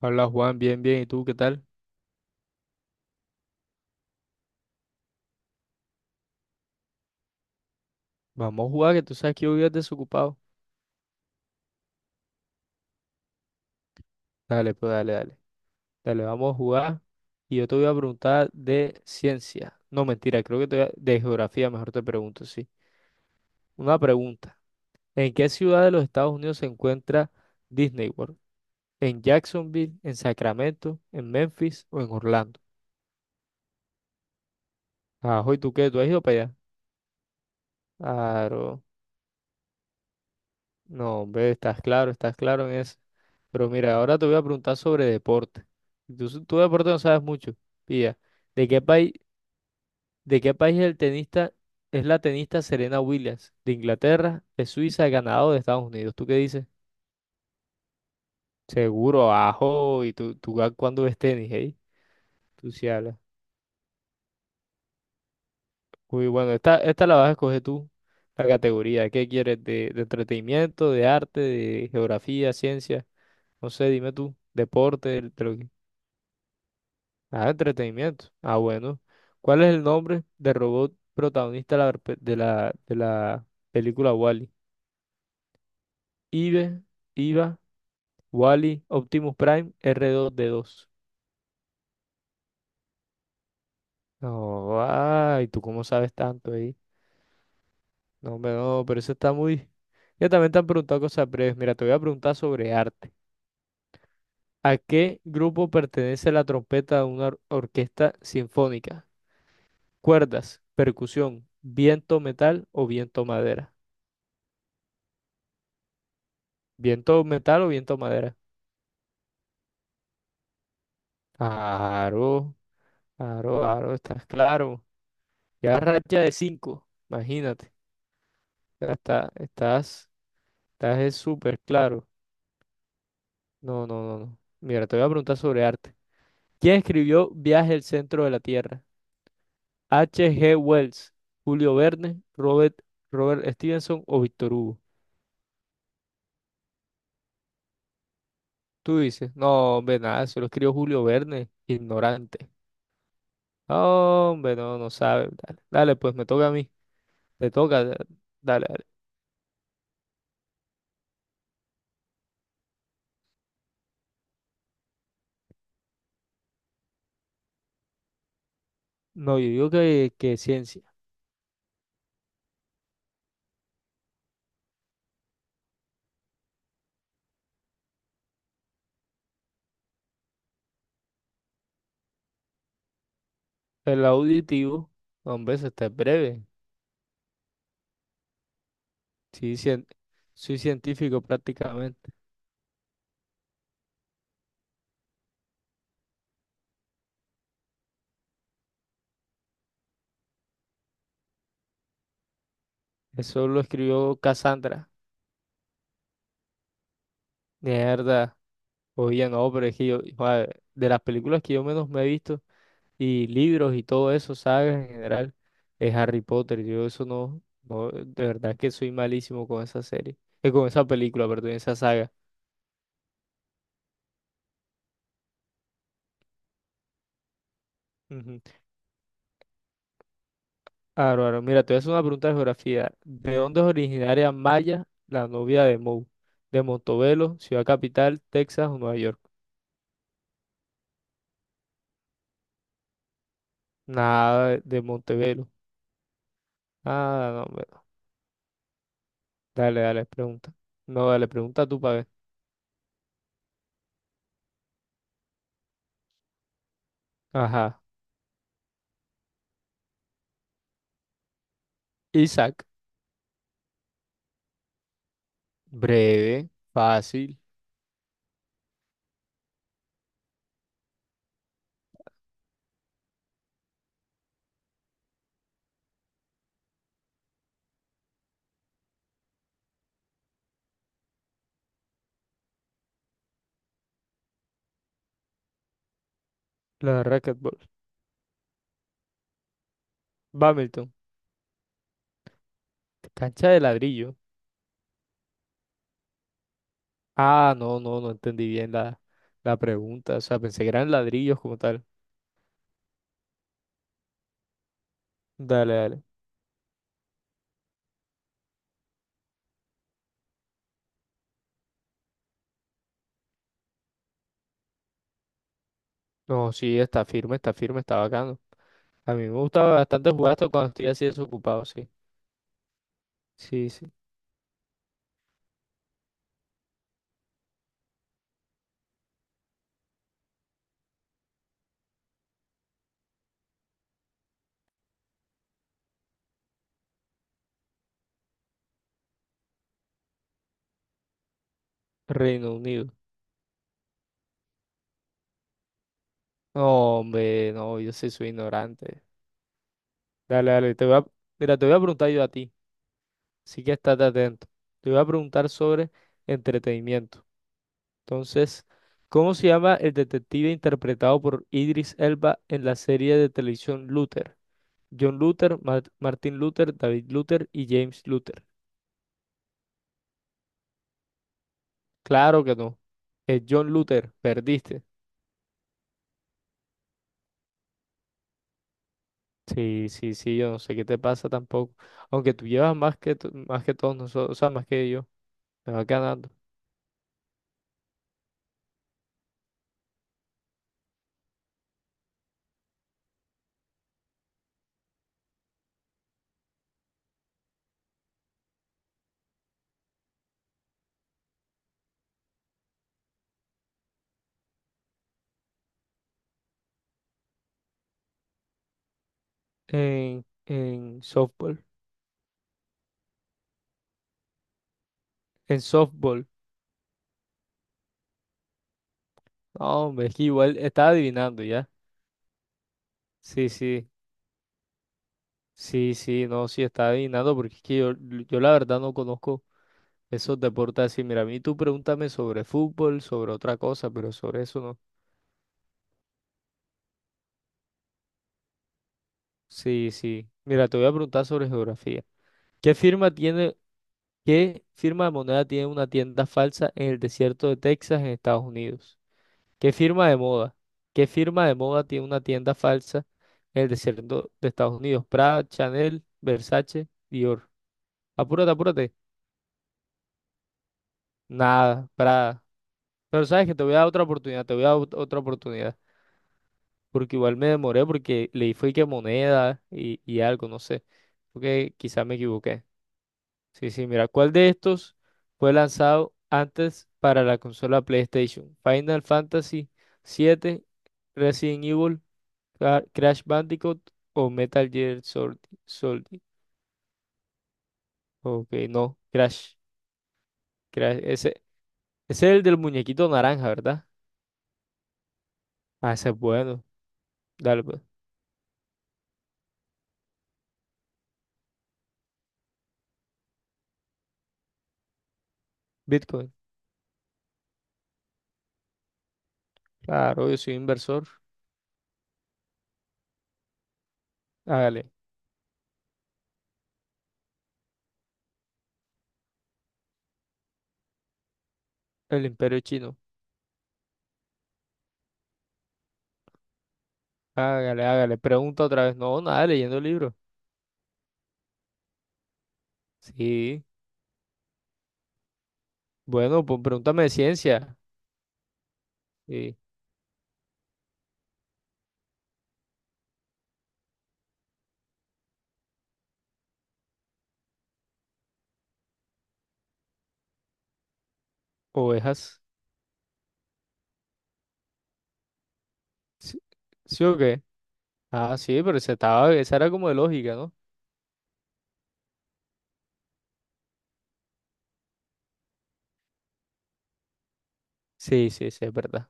Hola Juan, bien, bien. ¿Y tú qué tal? Vamos a jugar, que tú sabes que yo vivo desocupado. Dale, pues dale, dale. Dale, vamos a jugar. Y yo te voy a preguntar de ciencia. No, mentira, creo que de geografía, mejor te pregunto, sí. Una pregunta. ¿En qué ciudad de los Estados Unidos se encuentra Disney World? ¿En Jacksonville, en Sacramento, en Memphis o en Orlando? Ajo, ¿y tú qué? ¿Tú has ido para allá? Claro. No, hombre, estás claro en eso. Pero mira, ahora te voy a preguntar sobre deporte. Y tú, tú de deporte no sabes mucho. Pilla, ¿de qué país, de qué país es el tenista, es la tenista Serena Williams? ¿De Inglaterra, de Suiza, de Canadá o de Estados Unidos? ¿Tú qué dices? Seguro, ajo, y tú cuándo ves tenis, ¿eh? Tú sí hablas. Muy bueno, esta la vas a escoger tú, la categoría. ¿Qué quieres? De entretenimiento, de arte, de geografía, ciencia? No sé, dime tú. Deporte, de, ah, entretenimiento. Ah, bueno. ¿Cuál es el nombre del robot protagonista de la, pe- de la película Wall-E? Ive, Iva, Wall-E, Optimus Prime, R2-D2. No, ay, ¿tú cómo sabes tanto ahí? No, hombre, no, pero eso está muy... Ya también te han preguntado cosas breves. Mira, te voy a preguntar sobre arte. ¿A qué grupo pertenece la trompeta de una orquesta sinfónica? ¿Cuerdas, percusión, viento metal o viento madera? ¿Viento metal o viento madera? Claro, claro, claro, estás claro. Ya racha de cinco, imagínate. Ya está, estás es súper claro. No, no, no, no. Mira, te voy a preguntar sobre arte. ¿Quién escribió Viaje al centro de la Tierra? H. G. Wells, Julio Verne, Robert Stevenson o Víctor Hugo. Tú dices, no, hombre, nada, eso lo escribió Julio Verne, ignorante. No, hombre, no, no sabe. Dale, dale, pues me toca a mí. Te toca, dale, dale. No, yo digo que, ciencia. El auditivo, hombre, eso está breve. Sí, cien- Soy científico prácticamente. Eso lo escribió Cassandra. Mierda. Oye, no, pero es que yo, joder, de las películas que yo menos me he visto y libros y todo eso, sagas en general, es Harry Potter. Yo eso no, no, de verdad que soy malísimo con esa serie. Con esa película, perdón, esa saga. Aro, aro. Mira, te voy a hacer una pregunta de geografía. ¿De dónde es originaria Maya, la novia de Moe? ¿De Montevelo, Ciudad Capital, Texas o Nueva York? Nada de Montevelo. Ah, no, hombre. Dale, dale, pregunta. No, dale, pregunta tú para ver. Ajá. Isaac. Breve, fácil. La de racquetball. Bamilton. Cancha de ladrillo. Ah, no, no, no entendí bien la pregunta. O sea, pensé que eran ladrillos como tal. Dale, dale. No, sí, está firme, está firme, está bacano. A mí me gustaba bastante jugar esto cuando estoy así desocupado, sí. Sí, sí. Reino Unido. No, hombre, no, yo sí soy ignorante. Dale, dale, te voy a... Mira, te voy a preguntar yo a ti, así que estate atento. Te voy a preguntar sobre entretenimiento. Entonces, ¿cómo se llama el detective interpretado por Idris Elba en la serie de televisión Luther? John Luther, Martin Luther, David Luther y James Luther. Claro que no. Es John Luther, perdiste. Sí, sí, sí, yo no sé qué te pasa tampoco. Aunque tú llevas más que, más que todos nosotros, o sea, más que yo, me va ganando. En softball, en softball, No, hombre, es que igual estaba adivinando ya. Sí, sí, sí, sí, no, sí, estaba adivinando porque es que yo la verdad no conozco esos deportes así. Mira, a mí tú pregúntame sobre fútbol, sobre otra cosa, pero sobre eso no. Sí, sí. Mira, te voy a preguntar sobre geografía. ¿Qué firma tiene ¿Qué firma de moneda tiene una tienda falsa en el desierto de Texas, en Estados Unidos? ¿Qué firma de moda? ¿Qué firma de moda tiene una tienda falsa en el desierto de Estados Unidos? Prada, Chanel, Versace, Dior. Apúrate, apúrate. Nada, Prada. Pero sabes que te voy a dar otra oportunidad, te voy a dar otra oportunidad. Porque igual me demoré porque leí fue que moneda y algo, no sé. Porque quizás me equivoqué. Sí, sí, mira, ¿cuál de estos fue lanzado antes para la consola PlayStation? Final Fantasy VII, Resident Evil, Crash Bandicoot o Metal Gear Solid. Solid. Ok, no, Crash. Crash. Ese es el del muñequito naranja, ¿verdad? Ah, ese es bueno. Dale, pues. Bitcoin. Claro, yo soy inversor. Hágale. El imperio chino. Hágale, hágale. Pregunta otra vez. No, nada, leyendo el libro. Sí. Bueno, pues pregúntame de ciencia. Sí. Ovejas. ¿Sí, sí o qué? Ah, sí, pero esa, estaba, esa era como de lógica, ¿no? Sí, sí, sí, es verdad.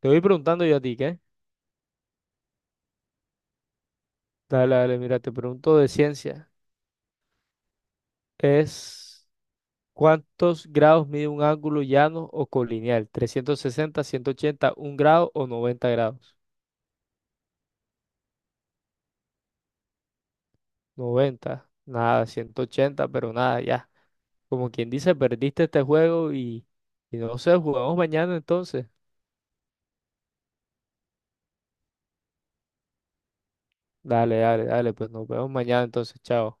Te voy preguntando yo a ti, ¿qué? Dale, dale, mira, te pregunto de ciencia. Es ¿cuántos grados mide un ángulo llano o colineal? 360, 180, 1 grado o 90 grados. 90, nada. 180, pero nada, ya. Como quien dice, perdiste este juego y no sé, jugamos mañana entonces. Dale, dale, dale, pues nos vemos mañana entonces, chao.